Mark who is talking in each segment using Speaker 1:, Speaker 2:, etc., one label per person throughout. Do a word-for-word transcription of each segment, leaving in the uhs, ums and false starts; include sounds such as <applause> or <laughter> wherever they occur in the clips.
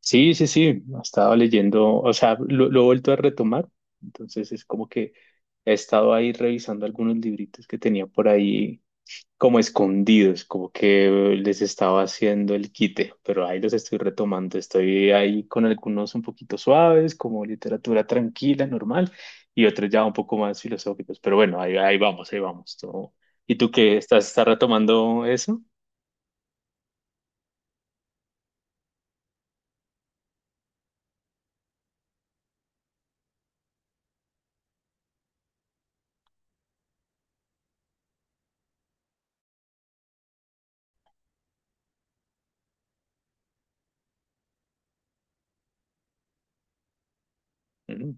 Speaker 1: Sí, sí, sí, he estado leyendo, o sea, lo, lo he vuelto a retomar, entonces es como que he estado ahí revisando algunos libritos que tenía por ahí como escondidos, como que les estaba haciendo el quite, pero ahí los estoy retomando, estoy ahí con algunos un poquito suaves, como literatura tranquila, normal, y otros ya un poco más filosóficos, pero bueno, ahí, ahí vamos, ahí vamos. Todo. ¿Y tú qué estás, estás retomando eso? Mm,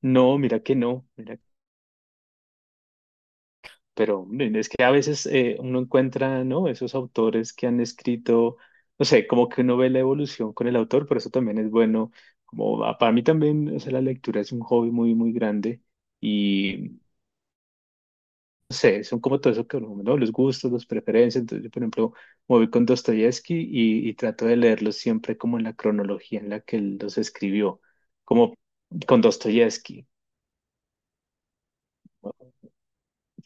Speaker 1: No, mira que no, mira. Pero hombre, es que a veces eh, uno encuentra, ¿no? Esos autores que han escrito, no sé, como que uno ve la evolución con el autor, por eso también es bueno. Como a- para mí también, o sea, la lectura es un hobby muy, muy grande y, no sé, son como todo eso que uno, ¿no? Los gustos, las preferencias. Entonces, yo, por ejemplo, me voy con Dostoyevsky y, y trato de leerlos siempre como en la cronología en la que él los escribió, como con Dostoyevsky.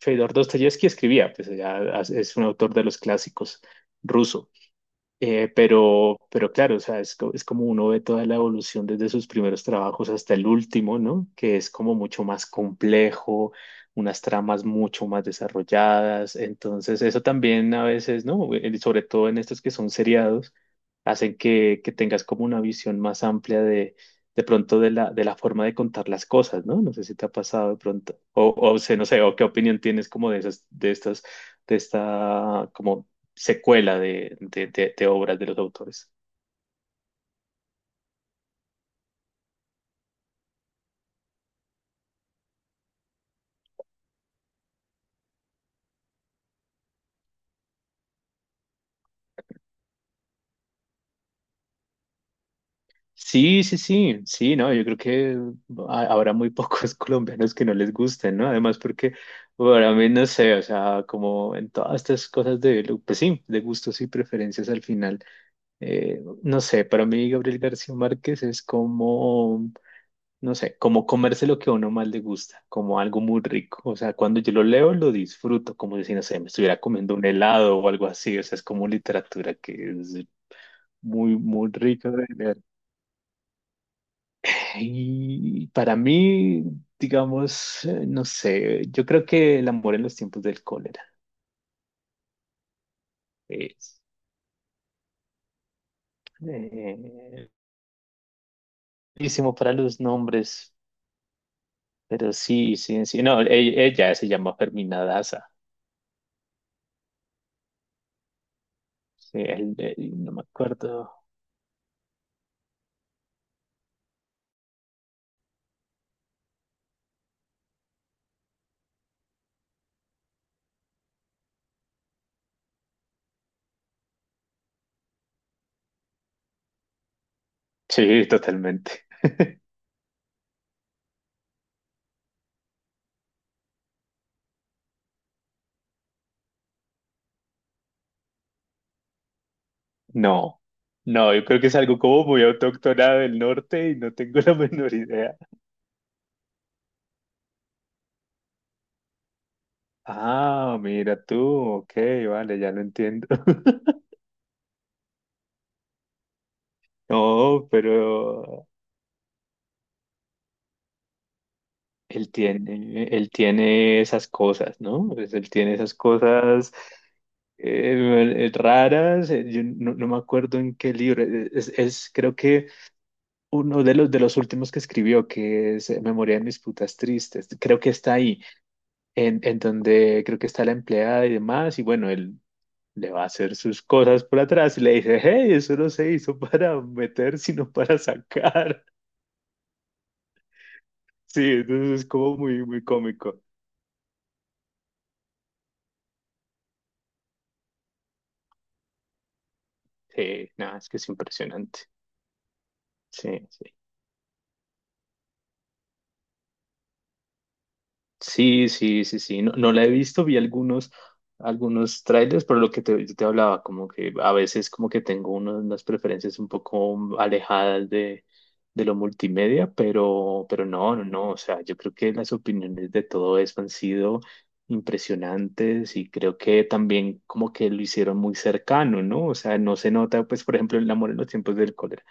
Speaker 1: Fedor Dostoyevsky escribía, pues ya es un autor de los clásicos ruso. Eh, pero, pero claro, o sea, es, co- es como uno ve toda la evolución desde sus primeros trabajos hasta el último, ¿no? Que es como mucho más complejo, unas tramas mucho más desarrolladas. Entonces, eso también a veces, ¿no? El- Sobre todo en estos que son seriados, hacen que, que tengas como una visión más amplia de, de pronto de la, de la forma de contar las cosas, ¿no? No sé si te ha pasado de pronto, o, o sé, no sé, o qué opinión tienes como de esas, de estas, de esta, como secuela de, de, de- de obras de los autores. Sí, sí, sí, sí, no, yo creo que ha- habrá muy pocos <laughs> colombianos que no les gusten, ¿no? Además, porque para mí, no sé, o sea, como en todas estas cosas de, lo- pues sí, de gustos y preferencias al final, eh, no sé, para mí Gabriel García Márquez es como, no sé, como comerse lo que a uno más le gusta, como algo muy rico, o sea, cuando yo lo leo lo disfruto, como si, no sé, me estuviera comiendo un helado o algo así, o sea, es como literatura que es muy, muy rico de ver. Y para mí, digamos, eh, no sé, yo creo que el amor en los tiempos del cólera es eh, buenísimo para los nombres, pero sí, sí, sí, no, e- ella se llama Fermina Daza, sí, el- el- no me acuerdo. Sí, totalmente. No, no, yo creo que es algo como muy autóctona del norte y no tengo la <laughs> menor idea. Ah, mira tú, ok, vale, ya lo entiendo. <laughs> No, pero él tiene, él tiene esas cosas, ¿no? Pues él tiene esas cosas eh, eh, raras. eh, Yo no, no me acuerdo en qué libro. eh, Es, es creo que uno de los de los últimos que escribió, que es eh, Memoria de mis putas tristes. Creo que está ahí, en, en donde creo que está la empleada y demás. Y bueno, él le va a hacer sus cosas por atrás y le dice, hey, eso no se hizo para meter, sino para sacar. <laughs> Sí, entonces es como muy, muy cómico. Sí, nada, es que es impresionante. Sí, sí. Sí, sí, sí, sí. No, no la he visto, vi algunos, algunos trailers, pero lo que te, yo te hablaba, como que a veces como que tengo uno- unas preferencias un poco alejadas de, de lo multimedia, pero, pero no, no, no. O sea, yo creo que las opiniones de todo eso han sido impresionantes y creo que también como que lo hicieron muy cercano, ¿no? O sea, no se nota, pues, por ejemplo, el amor en los tiempos del cólera.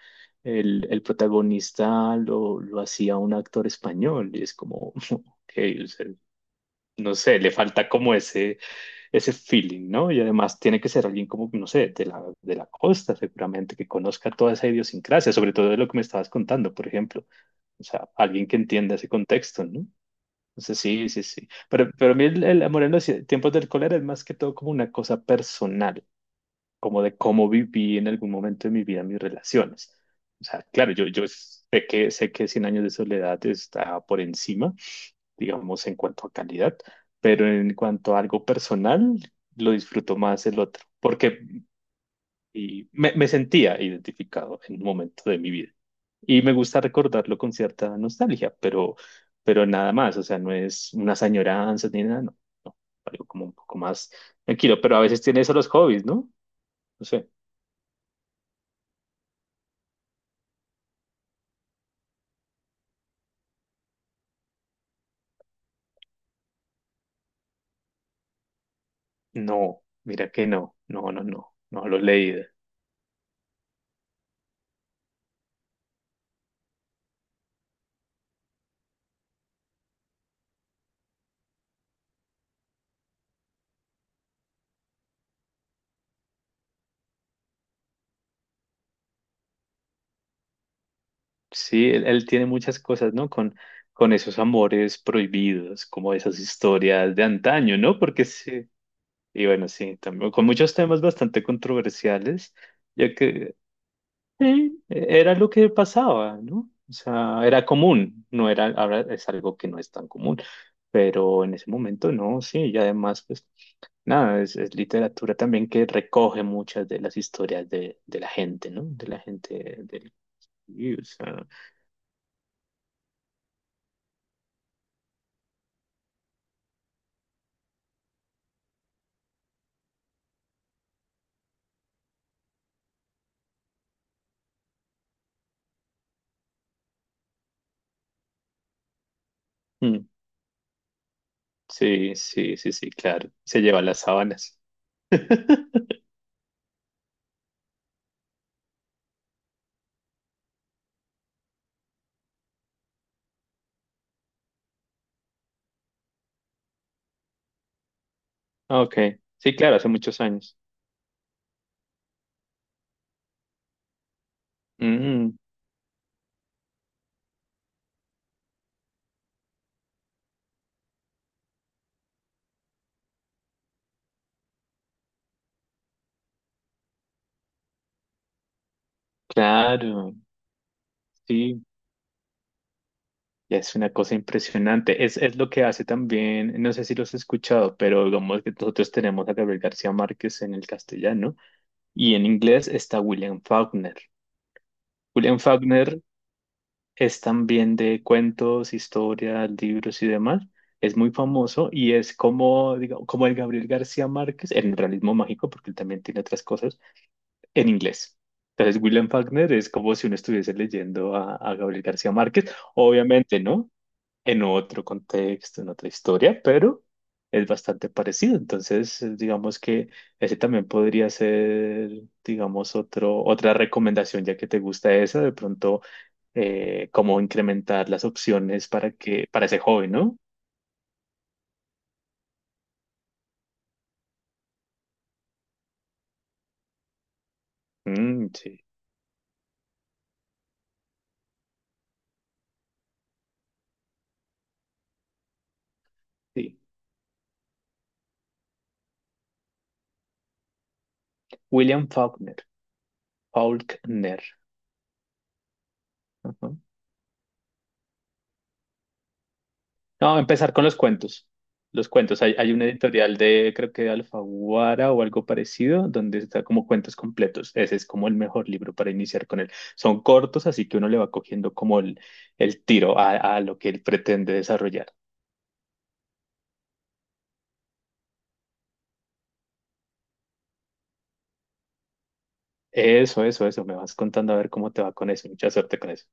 Speaker 1: El, el protagonista lo, lo hacía un actor español y es como... <laughs> Ok, o sea, no sé, le falta como ese, ese feeling, ¿no? Y además tiene que ser alguien como, no sé, de la, de la costa seguramente, que conozca toda esa idiosincrasia, sobre todo de lo que me estabas contando, por ejemplo. O sea, alguien que entienda ese contexto, ¿no? Entonces, sí, sí, sí. Pero, pero a mí el, el amor en los tiempos del cólera es más que todo como una cosa personal, como de cómo viví en algún momento de mi vida mis relaciones. O sea, claro, yo, yo sé que, sé que cien años de soledad está por encima digamos, en cuanto a calidad, pero en cuanto a algo personal, lo disfruto más el otro, porque y me, me sentía identificado en un momento de mi vida. Y me gusta recordarlo con cierta nostalgia, pero, pero nada más, o sea, no es unas añoranzas ni nada, no, no, algo como un poco más tranquilo, pero a veces tiene eso los hobbies, ¿no? No sé, no, mira que no, no, no, no, no lo he leído. Sí, él, él tiene muchas cosas, ¿no? Con, con esos amores prohibidos, como esas historias de antaño, ¿no? Porque sí, y bueno, sí, también, con muchos temas bastante controversiales, ya que eh, era lo que pasaba, ¿no? O sea, era común, no era, ahora es algo que no es tan común, pero en ese momento no, sí, y además, pues, nada, es, es literatura también que recoge muchas de las historias de, de la gente, ¿no? De la gente del... Y, o sea, mm, sí, sí, sí, sí, claro. Se lleva las sábanas. <laughs> Ok, sí, claro, hace muchos años. Mm, claro, sí, ya es una cosa impresionante. Es, es lo que hace también, no sé si los has escuchado, pero digamos que nosotros tenemos a Gabriel García Márquez en el castellano y en inglés está William Faulkner. William Faulkner es también de cuentos, historias, libros y demás. Es muy famoso y es como, diga- como el Gabriel García Márquez en el realismo mágico, porque él también tiene otras cosas, en inglés. Entonces, William Faulkner es como si uno estuviese leyendo a, a Gabriel García Márquez, obviamente, ¿no? En otro contexto, en otra historia, pero es bastante parecido. Entonces, eh, digamos que ese también podría ser, digamos, otro, otra recomendación, ya que te gusta esa, de pronto eh, cómo incrementar las opciones para que, para ese joven, ¿no? Mm, sí, sí. William Faulkner. Faulkner. Ajá. No, empezar con los cuentos. Los cuentos. Hay, hay una editorial de, creo que de Alfaguara o algo parecido, donde está como cuentos completos. Ese es como el mejor libro para iniciar con él. Son cortos, así que uno le va cogiendo como el, el tiro a, a lo que él pretende desarrollar. Eso, eso, eso. Me vas contando a ver cómo te va con eso. Mucha suerte con eso.